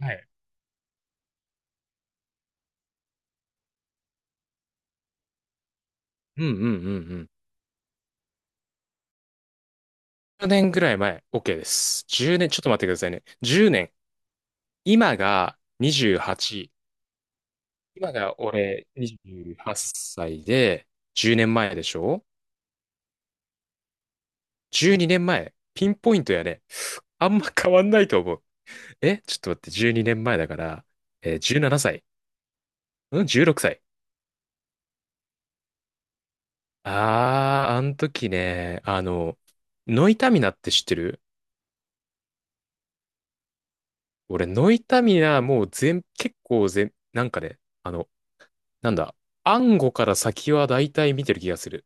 はい。うんうんうんうん。10年ぐらい前、OK です。10年、ちょっと待ってくださいね。10年。今が28。今が俺28歳で、10年前でしょ？ 12 年前。ピンポイントやね。あんま変わんないと思う。え、ちょっと待って、12年前だから、17歳。うん、16歳。あー、あの時ね、ノイタミナって知ってる？俺、ノイタミナもう全、結構全、なんかね、あの、なんだ、暗号から先は大体見てる気がする。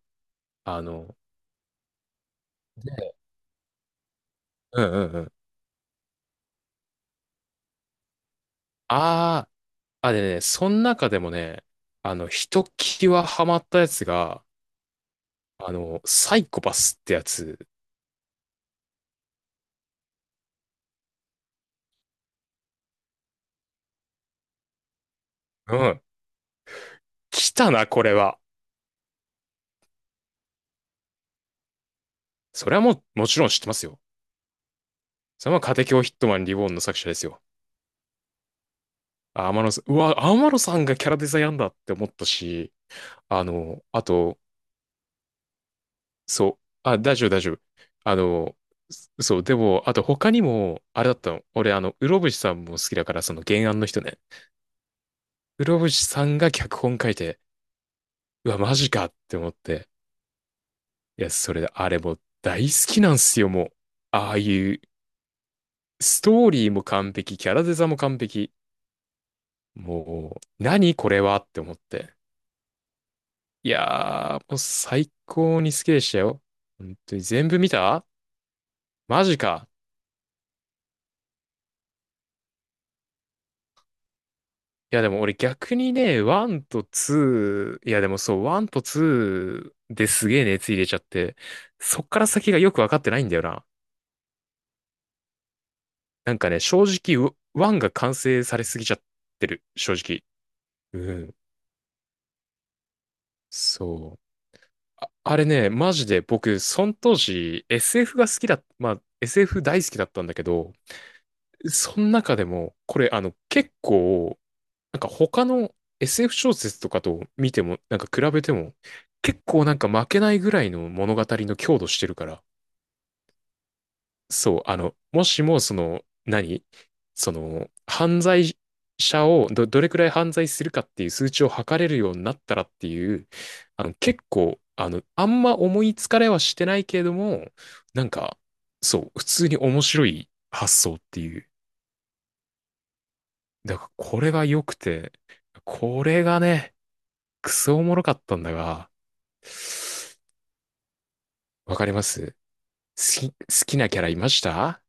あの、うんうんうん。ああ、あ、でね、その中でもね、ひときわハマったやつが、サイコパスってやつ。うん。来たな、これは。それはもう、もちろん知ってますよ。それはカテキオヒットマンリボーンの作者ですよ。あ、天野さん、うわ、天野さんがキャラデザやんだって思ったし、あの、あと、そう。あ、大丈夫、大丈夫。あの、そう、でも、あと他にも、あれだったの。俺、室伏さんも好きだから、その原案の人ね。室伏さんが脚本書いて、うわ、マジかって思って。いや、それで、あれもう大好きなんすよ、もう。ああいう、ストーリーも完璧、キャラデザも完璧。もう、何これはって思って。いやー、もう最高に好きでしたよ。本当に全部見た？マジか。いやでも俺逆にね、1と2、いやでもそう、1と2ですげえ熱入れちゃって、そっから先がよくわかってないんだよな。なんかね、正直、1が完成されすぎちゃってる、正直。うん。そう。あ、あれね、マジで僕、その当時 SF が好きだ、まあ SF 大好きだったんだけど、その中でも、これあの結構なんか他の SF 小説とかと見ても、なんか比べても、結構なんか負けないぐらいの物語の強度してるから、そう、もしもその、その、犯罪者をどれくらい犯罪するかっていう数値を測れるようになったらっていう、あの、結構、あの、あんま思いつかれはしてないけれども、なんか、そう、普通に面白い発想っていう。だからこれが良くて、これがね、クソおもろかったんだが、わかります？好き、好きなキャラいました？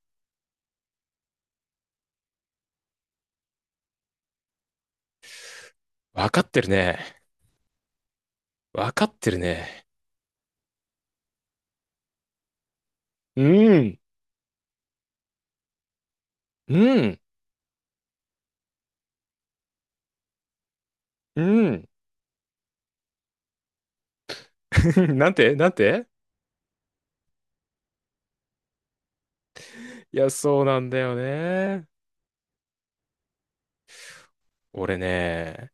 わかってるね。わかってるね。うん、うん、うん。なんてなんて、いや、そうなんだよね。俺ね、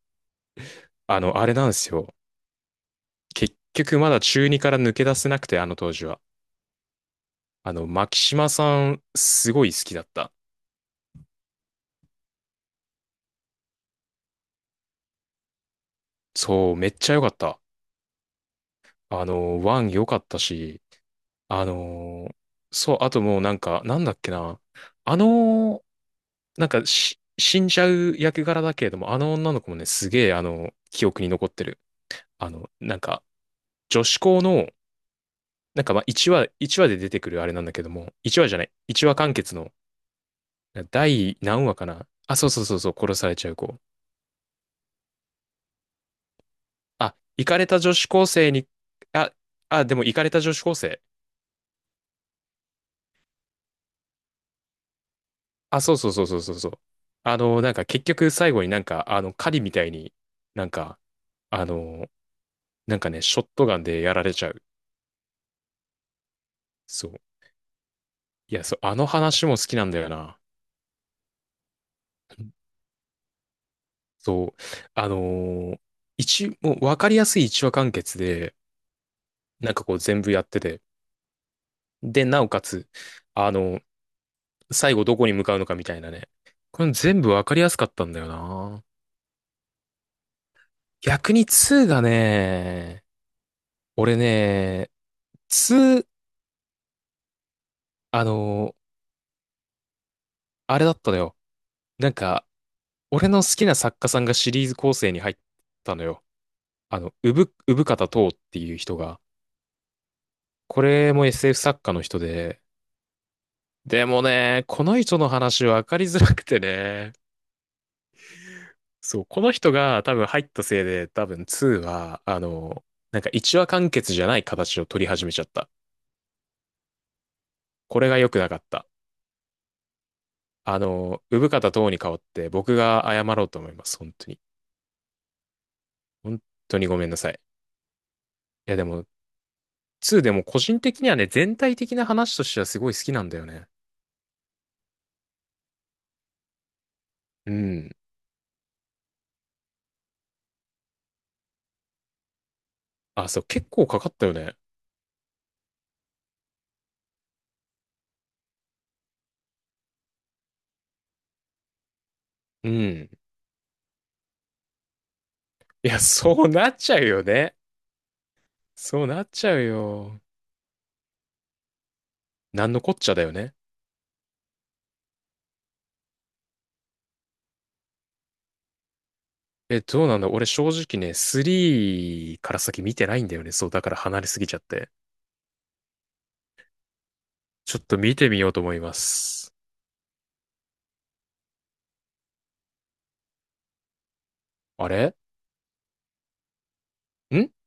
あれなんですよ。結局まだ中二から抜け出せなくて、あの当時は。牧島さん、すごい好きだった。そう、めっちゃ良かった。ワン良かったし、あのーそう、あともうなんか、なんだっけな。あのーなんかし、死んじゃう役柄だけれども、あの女の子もね、すげえ、記憶に残ってる。あの、なんか、女子校の、なんかまあ、1話、1話で出てくるあれなんだけども、1話じゃない、1話完結の、第何話かな。あ、そうそうそうそう、殺されちゃう子。あ、イカれた女子高生に、あ、あ、でもイカれた女子高生。あ、そうそうそうそうそうそう。なんか結局最後になんか、狩りみたいになんか、あの、なんかね、ショットガンでやられちゃう。そう。いや、そう、あの話も好きなんだよな。そう。あのー一、もうわかりやすい一話完結で、なんかこう全部やってて。で、なおかつ、あの、最後どこに向かうのかみたいなね。これ全部わかりやすかったんだよな。逆に2がね、俺ね、2、あのーあれだったのよ。なんか、俺の好きな作家さんがシリーズ構成に入ったのよ。産方とうっていう人が。これも SF 作家の人で。でもね、この人の話分かりづらくてね。そう、この人が多分入ったせいで、多分2は、なんか一話完結じゃない形を取り始めちゃった。これが良くなかった。産方とうに代わって僕が謝ろうと思います。本当に。本当にごめんなさい。いやでも、2でも個人的にはね、全体的な話としてはすごい好きなんだよね。うん。あ、そう、結構かかったよね。うん。いや、そうなっちゃうよね。そうなっちゃうよ。なんのこっちゃだよね。え、どうなんだ？俺正直ね、3から先見てないんだよね。そう、だから離れすぎちゃって。ちょっと見てみようと思います。あれん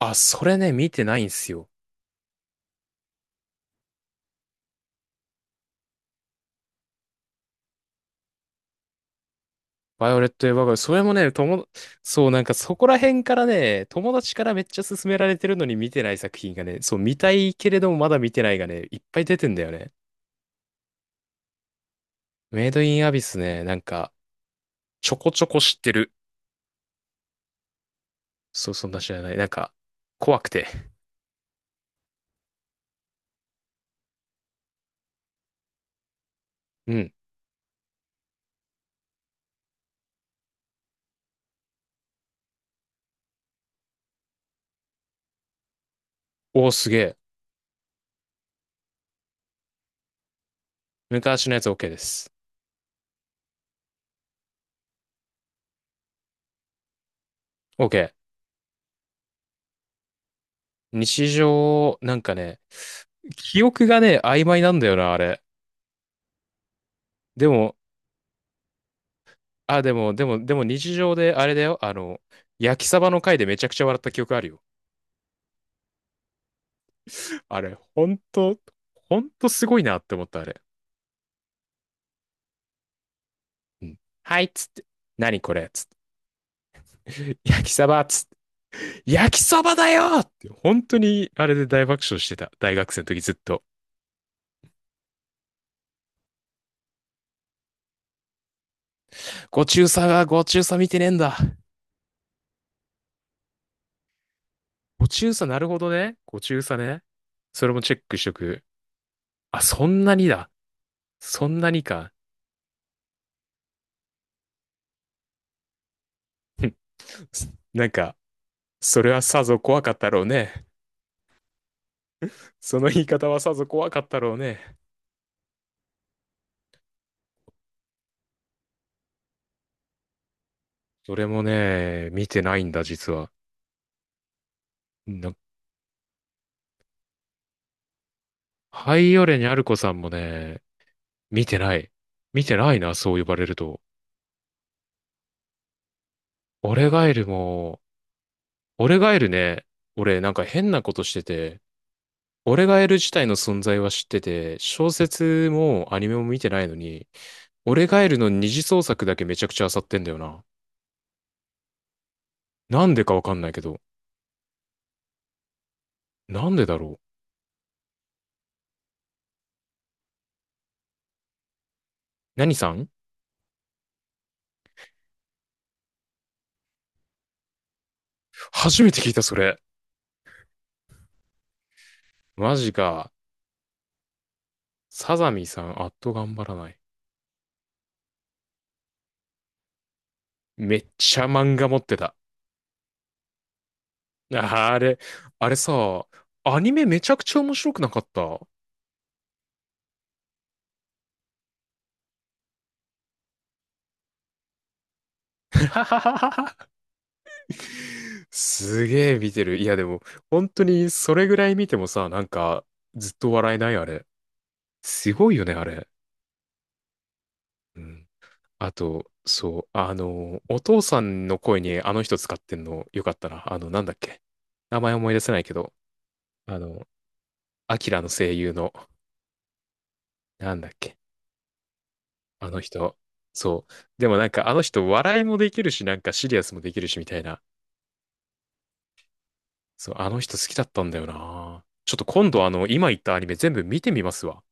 あ、それね、見てないんすよ。バイオレット・エヴァーガーデン、それもね、そう、なんかそこら辺からね、友達からめっちゃ勧められてるのに見てない作品がね、そう、見たいけれどもまだ見てないがね、いっぱい出てんだよね。メイド・イン・アビスね、なんか、ちょこちょこ知ってる。そう、そんな知らない。なんか、怖くて。うん。おー、すげえ。昔のやつ OK です。OK。日常、なんかね、記憶がね、曖昧なんだよな、あれ。でも、あ、でも日常であれだよ。焼きサバの回でめちゃくちゃ笑った記憶あるよ。あれ、ほんと、ほんとすごいなって思った、あれ。うん、はい、っつって。何これっつって。焼きそばっつって。焼きそばだよって、本当に、あれで大爆笑してた。大学生の時ずっと。ご中佐が、ご中佐見てねえんだ。ご中佐、なるほどね。ご中佐ね。それもチェックしとく。あ、そんなにだ。そんなにか。なんか、それはさぞ怖かったろうね。その言い方はさぞ怖かったろうね。それもね、見てないんだ、実は。なんハイオレニャルコさんもね、見てない。見てないな、そう呼ばれると。オレガエルも、オレガエルね、俺なんか変なことしてて、オレガエル自体の存在は知ってて、小説もアニメも見てないのに、オレガエルの二次創作だけめちゃくちゃ漁ってんだよな。なんでかわかんないけど。なんでだろう。何さん？初めて聞いた、それ。マジか。サザミさん、あっと頑張らない。めっちゃ漫画持ってた。あ、あれ、あれさ、アニメめちゃくちゃ面白くなかった。すげえ見てる。いやでも、本当にそれぐらい見てもさ、なんか、ずっと笑えない、あれ。すごいよね、あれ。うん。あと、そう、お父さんの声にあの人使ってんのよかったな。なんだっけ。名前思い出せないけど、あの、アキラの声優の、なんだっけ。あの人。そう。でもなんか、あの人、笑いもできるし、なんかシリアスもできるし、みたいな。そう、あの人好きだったんだよな。ちょっと今度あの、今言ったアニメ全部見てみますわ。